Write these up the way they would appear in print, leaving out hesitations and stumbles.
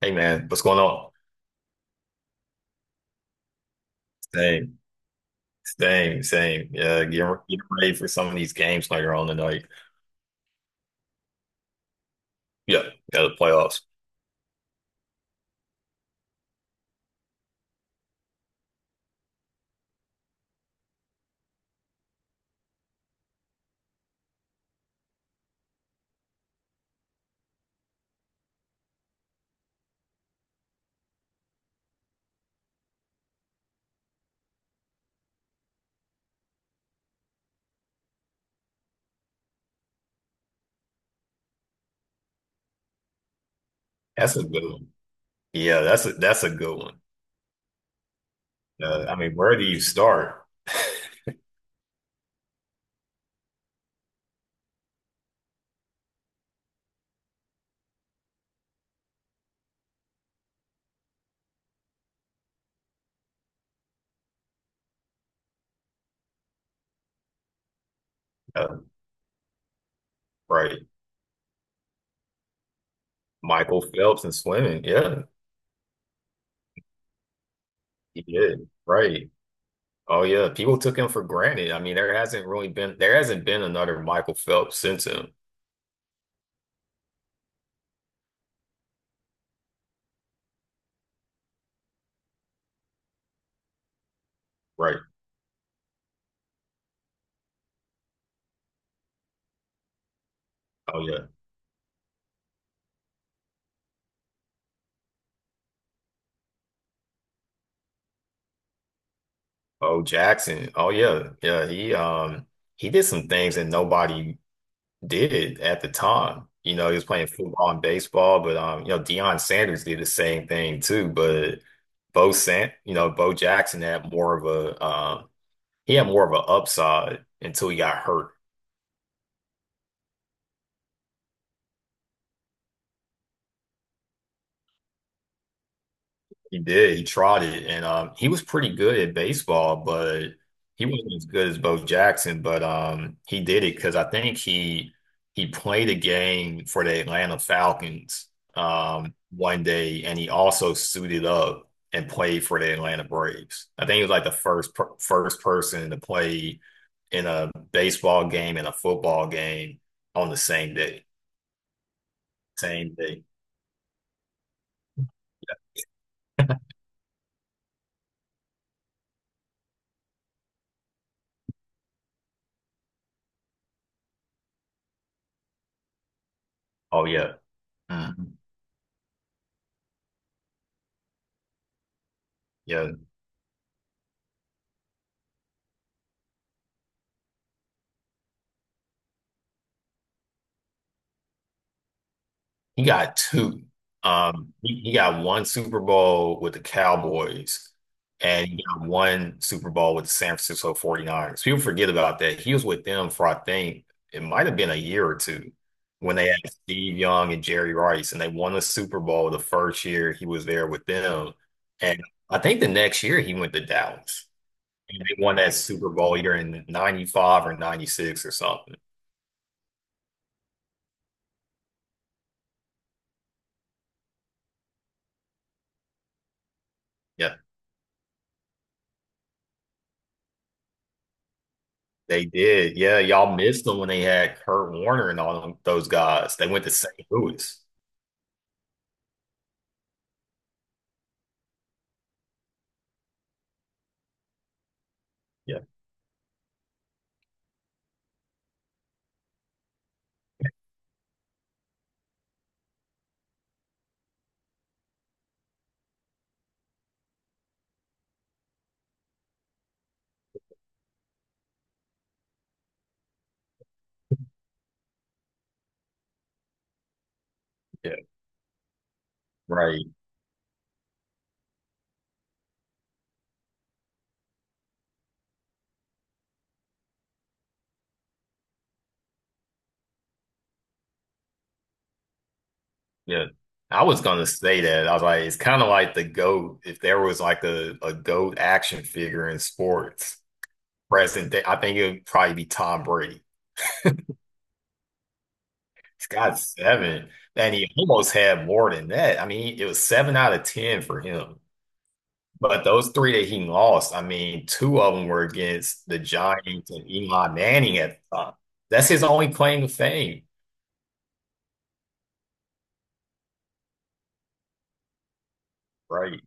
Hey man, what's going on? Same, same, same. Yeah, get ready for some of these games later on tonight. Yeah, yeah, the playoffs. That's a good one. Yeah, that's a good one. I mean, where do you start? Uh, right, Michael Phelps in swimming. Yeah, he did. Right. Oh yeah, people took him for granted. I mean, there hasn't been another Michael Phelps since him. Right. Oh yeah. Oh Jackson. Oh yeah. Yeah. He did some things that nobody did it at the time. You know, he was playing football and baseball, but Deion Sanders did the same thing too. But Bo Sant, you know, Bo Jackson had more of a he had more of an upside until he got hurt. He did. He tried it, and he was pretty good at baseball, but he wasn't as good as Bo Jackson. But he did it because I think he played a game for the Atlanta Falcons one day, and he also suited up and played for the Atlanta Braves. I think he was like the first person to play in a baseball game and a football game on the same day. Same day. Oh yeah. Mhm. Yeah. He got two. He got one Super Bowl with the Cowboys, and he got one Super Bowl with the San Francisco 49ers. People forget about that. He was with them for, I think, it might have been a year or two when they had Steve Young and Jerry Rice, and they won the Super Bowl the first year he was there with them. And I think the next year he went to Dallas, and they won that Super Bowl either in 95 or 96 or something. Yeah, they did. Yeah, y'all missed them when they had Kurt Warner and all them, those guys. They went to St. Louis. Yeah, yeah, right. Yeah. I was gonna say that. I was like, it's kind of like the GOAT. If there was like a GOAT action figure in sports present day, I think it would probably be Tom Brady. He's got seven, and he almost had more than that. I mean, it was seven out of 10 for him. But those three that he lost, I mean, two of them were against the Giants and Eli Manning at the time. That's his only claim to fame, right?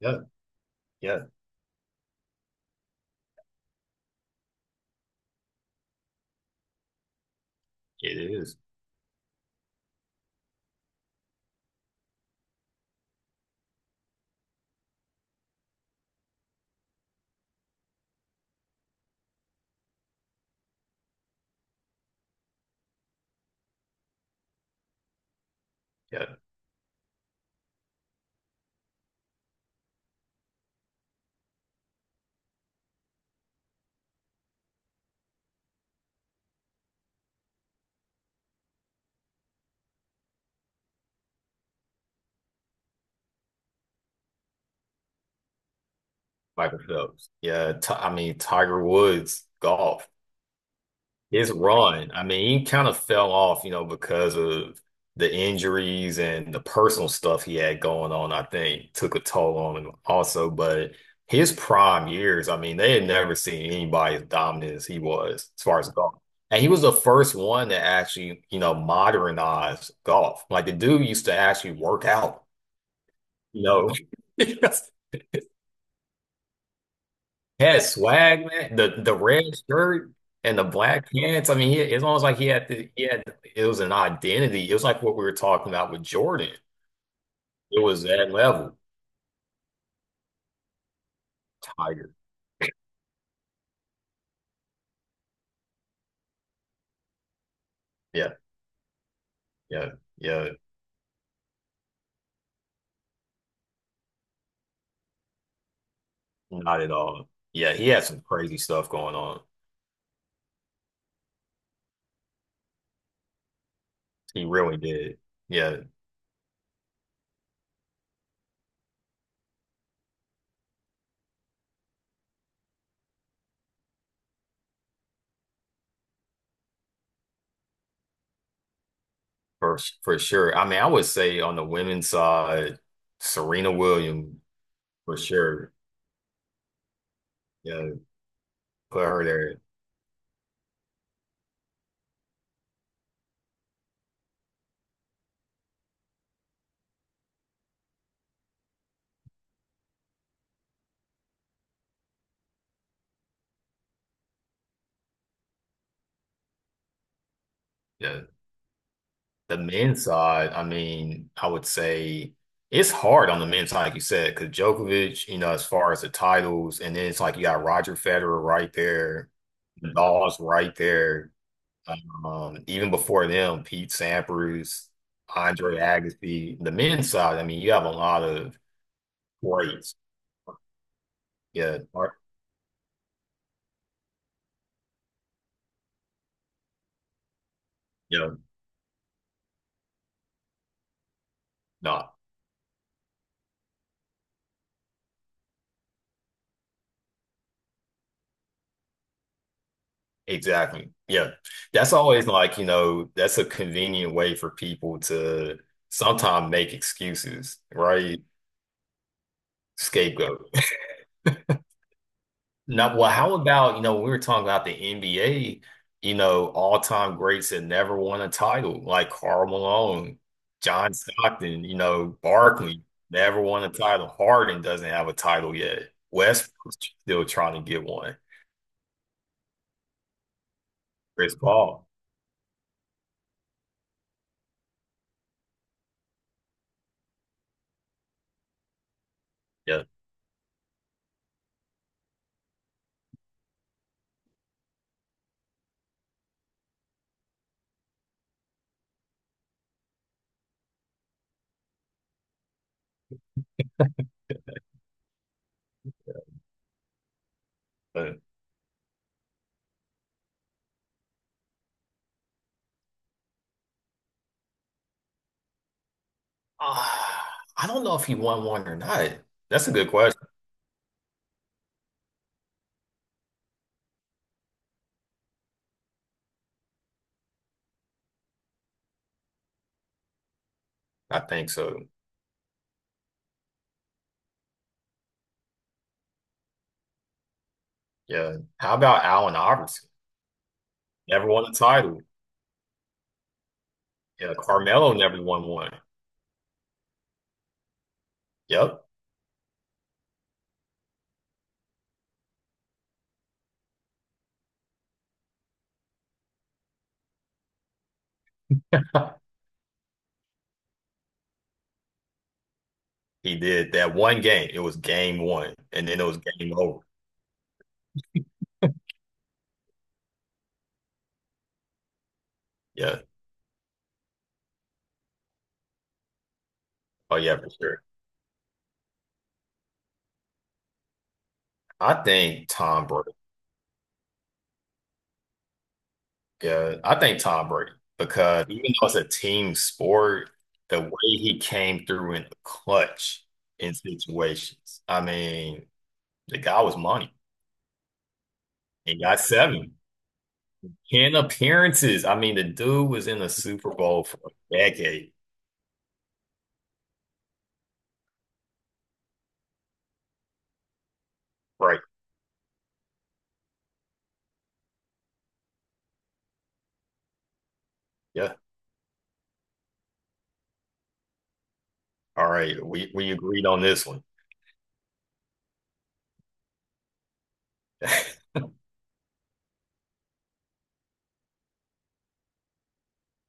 Yeah, yeah, it is. Yeah, Michael Phelps. Yeah, I mean, Tiger Woods golf. His run, I mean, he kind of fell off, you know, because of the injuries and the personal stuff he had going on, I think took a toll on him also. But his prime years, I mean, they had never seen anybody as dominant as he was as far as golf. And he was the first one to actually, you know, modernize golf. Like the dude used to actually work out, you know. Had swag, man. The red shirt and the black pants. I mean, it's almost like he had to. He had it was an identity. It was like what we were talking about with Jordan. It was that level. Tiger. Yeah, yeah, yeah. Not at all. Yeah, he had some crazy stuff going on. He really did. Yeah, for sure. I mean, I would say on the women's side, Serena Williams for sure. Yeah, put her there. Yeah. The men's side, I mean, I would say it's hard on the men's side, like you said, because Djokovic, you know, as far as the titles, and then it's like you got Roger Federer right there, Nadal's right there. Even before them, Pete Sampras, Andre Agassi. The men's side, I mean, you have a lot of greats. Yeah, yeah, no, exactly. Yeah, that's always like, you know, that's a convenient way for people to sometimes make excuses, right? Scapegoat. Now, well, how about, you know, we were talking about the NBA, you know, all-time greats that never won a title, like Karl Malone, John Stockton, you know, Barkley never won a title. Harden doesn't have a title yet. Westbrook's still trying to get one. Chris Paul, yeah. But, ah, I don't know if he won one or not. That's a good question. I think so. Yeah. How about Allen Iverson? Never won a title. Yeah, Carmelo never won one. Yep. He did that one game. It was game one, and then it was game over. Yeah. Oh yeah, for sure. I think Tom Brady. Yeah, I think Tom Brady because even though it's a team sport, the way he came through in the clutch in situations. I mean, the guy was money. He got seven, 10 appearances. I mean, the dude was in the Super Bowl for a decade. Right. Yeah. All right. We agreed on this one.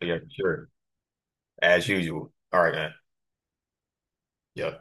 Yeah, for sure. As usual. All right, man. Yeah.